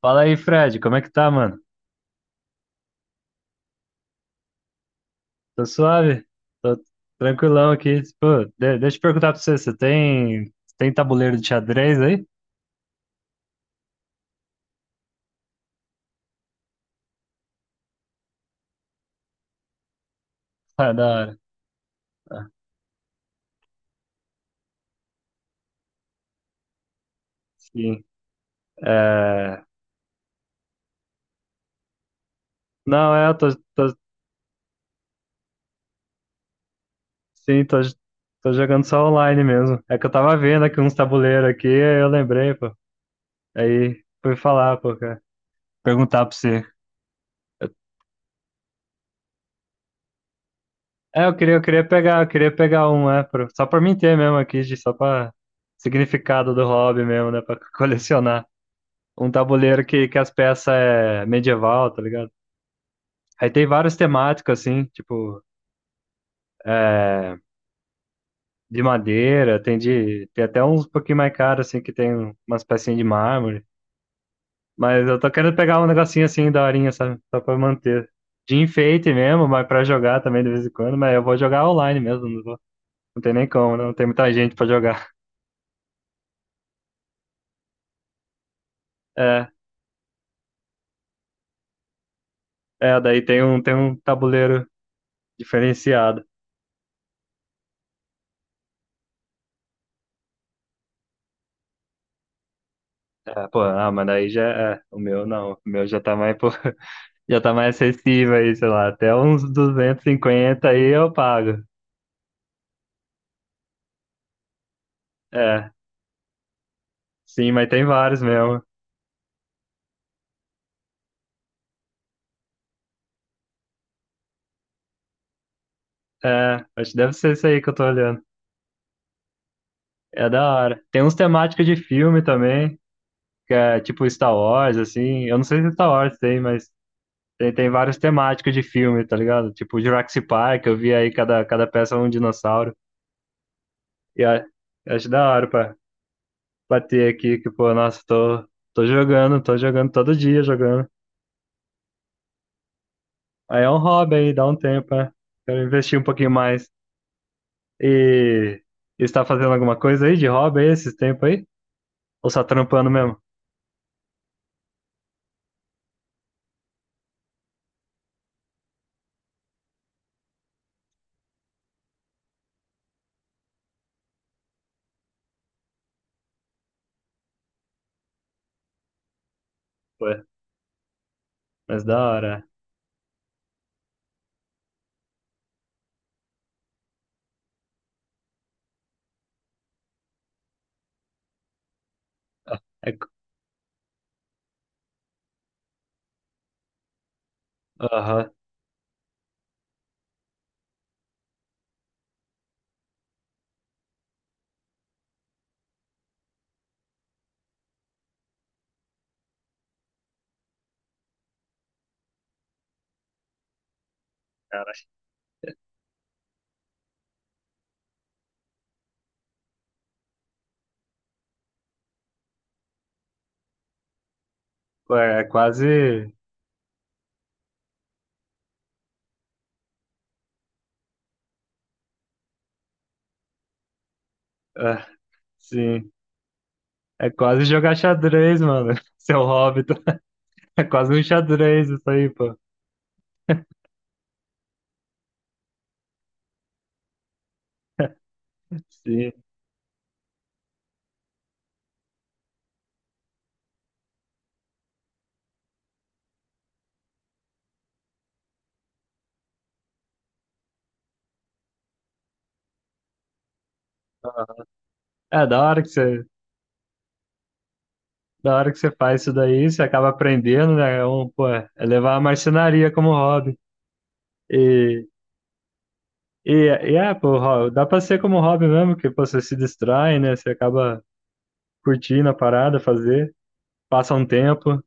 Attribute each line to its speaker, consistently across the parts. Speaker 1: Fala aí, Fred, como é que tá, mano? Tô suave, tô tranquilão aqui. Pô, deixa eu perguntar pra você, você tem tabuleiro de xadrez aí? Ah, da hora. Ah, sim. É... Não, é, eu tô, sim, tô jogando só online mesmo. É que eu tava vendo aqui uns tabuleiros aqui, aí eu lembrei, pô. Aí fui falar, pô, cara. Perguntar pra você. É, eu queria pegar um, só pra mim ter mesmo aqui, só pra significado do hobby mesmo, né, pra colecionar. Um tabuleiro que as peças é medieval, tá ligado? Aí tem vários temáticos, assim, tipo, é, de madeira, tem de. Tem até uns um pouquinho mais caros, assim, que tem umas pecinhas de mármore. Mas eu tô querendo pegar um negocinho assim, daorinha, sabe? Só pra manter. De enfeite mesmo, mas pra jogar também de vez em quando, mas eu vou jogar online mesmo, não tem nem como, né? Não tem muita gente pra jogar. É, é, daí tem um, tabuleiro diferenciado. É, pô, ah, mas daí já é, o meu não, o meu já tá mais pro, já tá mais acessível aí, sei lá, até uns 250 aí eu pago. É, sim, mas tem vários mesmo. É, acho que deve ser isso aí que eu tô olhando. É da hora. Tem uns temáticos de filme também, que é tipo Star Wars, assim. Eu não sei se é Star Wars tem, mas tem vários temáticos de filme, tá ligado? Tipo Jurassic Park, eu vi aí cada peça é um dinossauro. E a- eu acho da hora pra bater aqui, que, pô, nossa, tô jogando, tô jogando todo dia jogando. Aí é um hobby aí, dá um tempo, né? Quero investir um pouquinho mais. E e está fazendo alguma coisa aí de hobby aí esses tempos aí? Ou só trampando mesmo? Pô, mas da hora. É, aham. Cara, pô, é quase. Ah, sim. É quase jogar xadrez, mano. Seu hobby, tá? É quase um xadrez isso aí, pô. Sim. É, da hora que você faz isso daí, você acaba aprendendo, né? É um, pô, é levar a marcenaria como hobby. E, e é, pô, dá pra ser como hobby mesmo, que pô, você se distrai, né? Você acaba curtindo a parada, fazer, passa um tempo.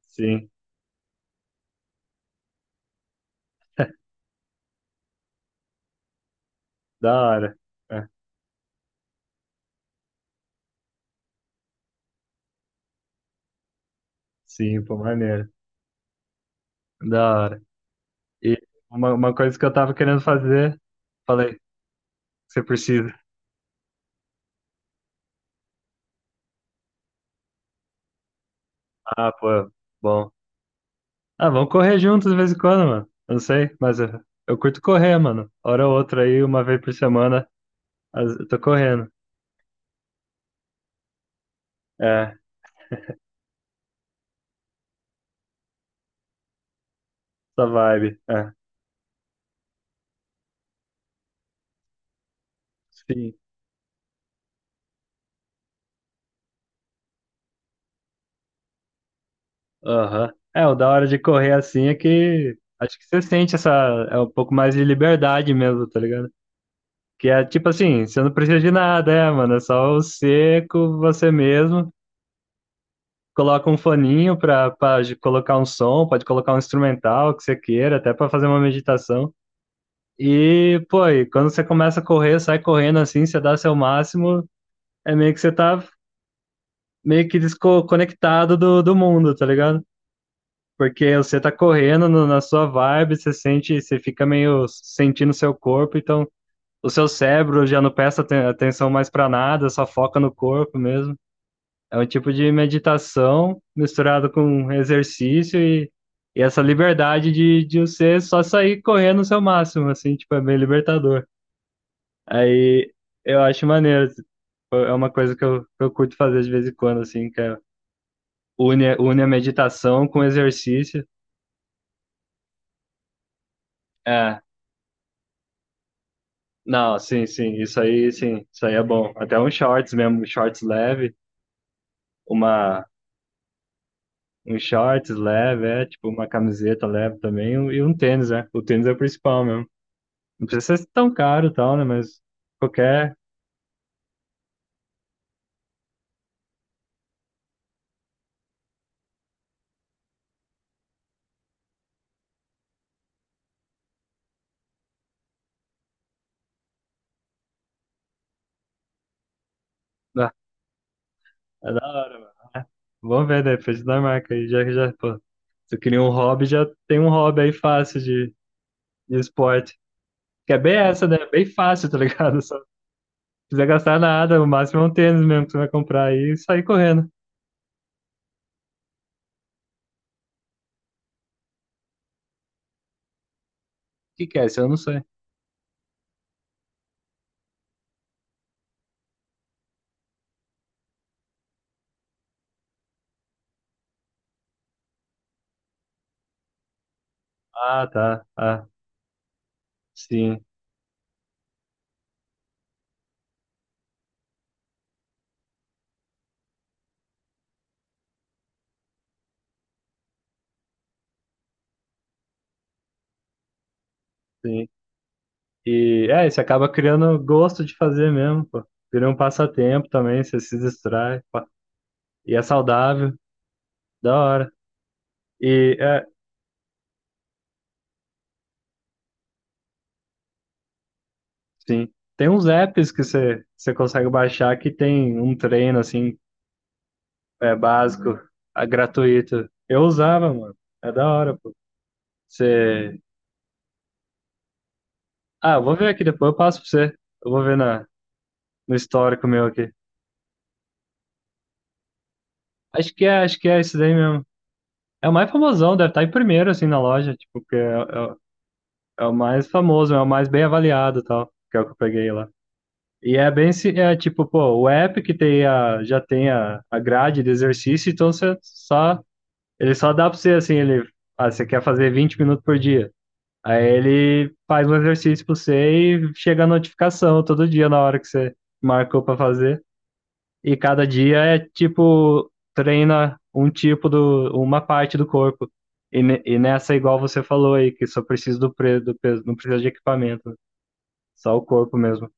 Speaker 1: Sim, da hora. É, sim, pô, maneiro. Da hora. E uma coisa que eu tava querendo fazer, falei, você precisa. Ah, pô, bom. Ah, vamos correr juntos de vez em quando, mano. Eu não sei, mas eu curto correr, mano. Hora ou outra aí, uma vez por semana, eu tô correndo. É, essa vibe. É. Sim. Aham. É, o da hora de correr assim é que acho que você sente essa, é um pouco mais de liberdade mesmo, tá ligado? Que é tipo assim, você não precisa de nada, é, mano, é só o seco, você mesmo, coloca um foninho pra, colocar um som, pode colocar um instrumental que você queira, até pra fazer uma meditação. E, pô, e quando você começa a correr, sai correndo assim, você dá seu máximo, é meio que você tá meio que desconectado do mundo, tá ligado? Porque você tá correndo na sua vibe, você sente, você fica meio sentindo seu corpo, então o seu cérebro já não presta atenção mais pra nada, só foca no corpo mesmo. É um tipo de meditação misturado com exercício e, essa liberdade de você só sair correndo o seu máximo, assim, tipo, é bem libertador. Aí eu acho maneiro, tipo, é uma coisa que eu curto fazer de vez em quando, assim, que é, une a meditação com exercício. É, não, sim, sim, isso aí é bom. Até um shorts mesmo, shorts leve, uma, um shorts leve, é, tipo, uma camiseta leve também, e um tênis, né? O tênis é o principal mesmo. Não precisa ser tão caro e tal, né? Mas qualquer. Ah, é da hora, mano. Vamos ver, né? Frente da marca aí, já já, pô. Se eu queria um hobby, já tem um hobby aí fácil de esporte. Que é bem essa, né? Bem fácil, tá ligado? Só não precisa gastar nada, o máximo é um tênis mesmo que você vai comprar aí e sair correndo. O que que é isso? Eu não sei. Ah, tá. Ah, sim, sim. E é, você acaba criando gosto de fazer mesmo, pô. Vira um passatempo também, você se distrai, pá. E é saudável, da hora. E é, sim. Tem uns apps que você consegue baixar que tem um treino assim, é básico, gratuito. Eu usava, mano. É da hora, pô. Você. Ah, eu vou ver aqui depois, eu passo pra você. Eu vou ver no histórico meu aqui. Acho que é isso daí mesmo. É o mais famosão, deve estar em primeiro, assim, na loja, tipo, porque é o mais famoso, é o mais bem avaliado e tal, que é o que eu peguei lá. E é bem, é tipo, pô, o app que tem a, já tem a grade de exercício, então você só, ele só dá pra você, assim, ele, você quer fazer 20 minutos por dia. Aí ele faz um exercício pra você e chega a notificação todo dia na hora que você marcou pra fazer e cada dia é tipo, treina um tipo do, uma parte do corpo. E, e nessa, igual você falou aí, que só precisa do peso, não precisa de equipamento, só o corpo mesmo.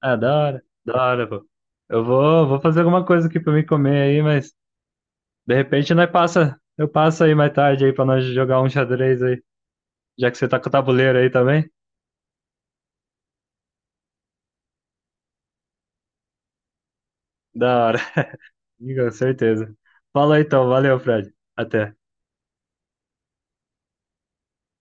Speaker 1: Ah, da hora, pô. Eu vou fazer alguma coisa aqui pra mim comer aí, mas de repente nós passa, eu passo aí mais tarde aí pra nós jogar um xadrez aí, já que você tá com o tabuleiro aí também. Da hora, com certeza. Fala aí, então, valeu, Fred. Até.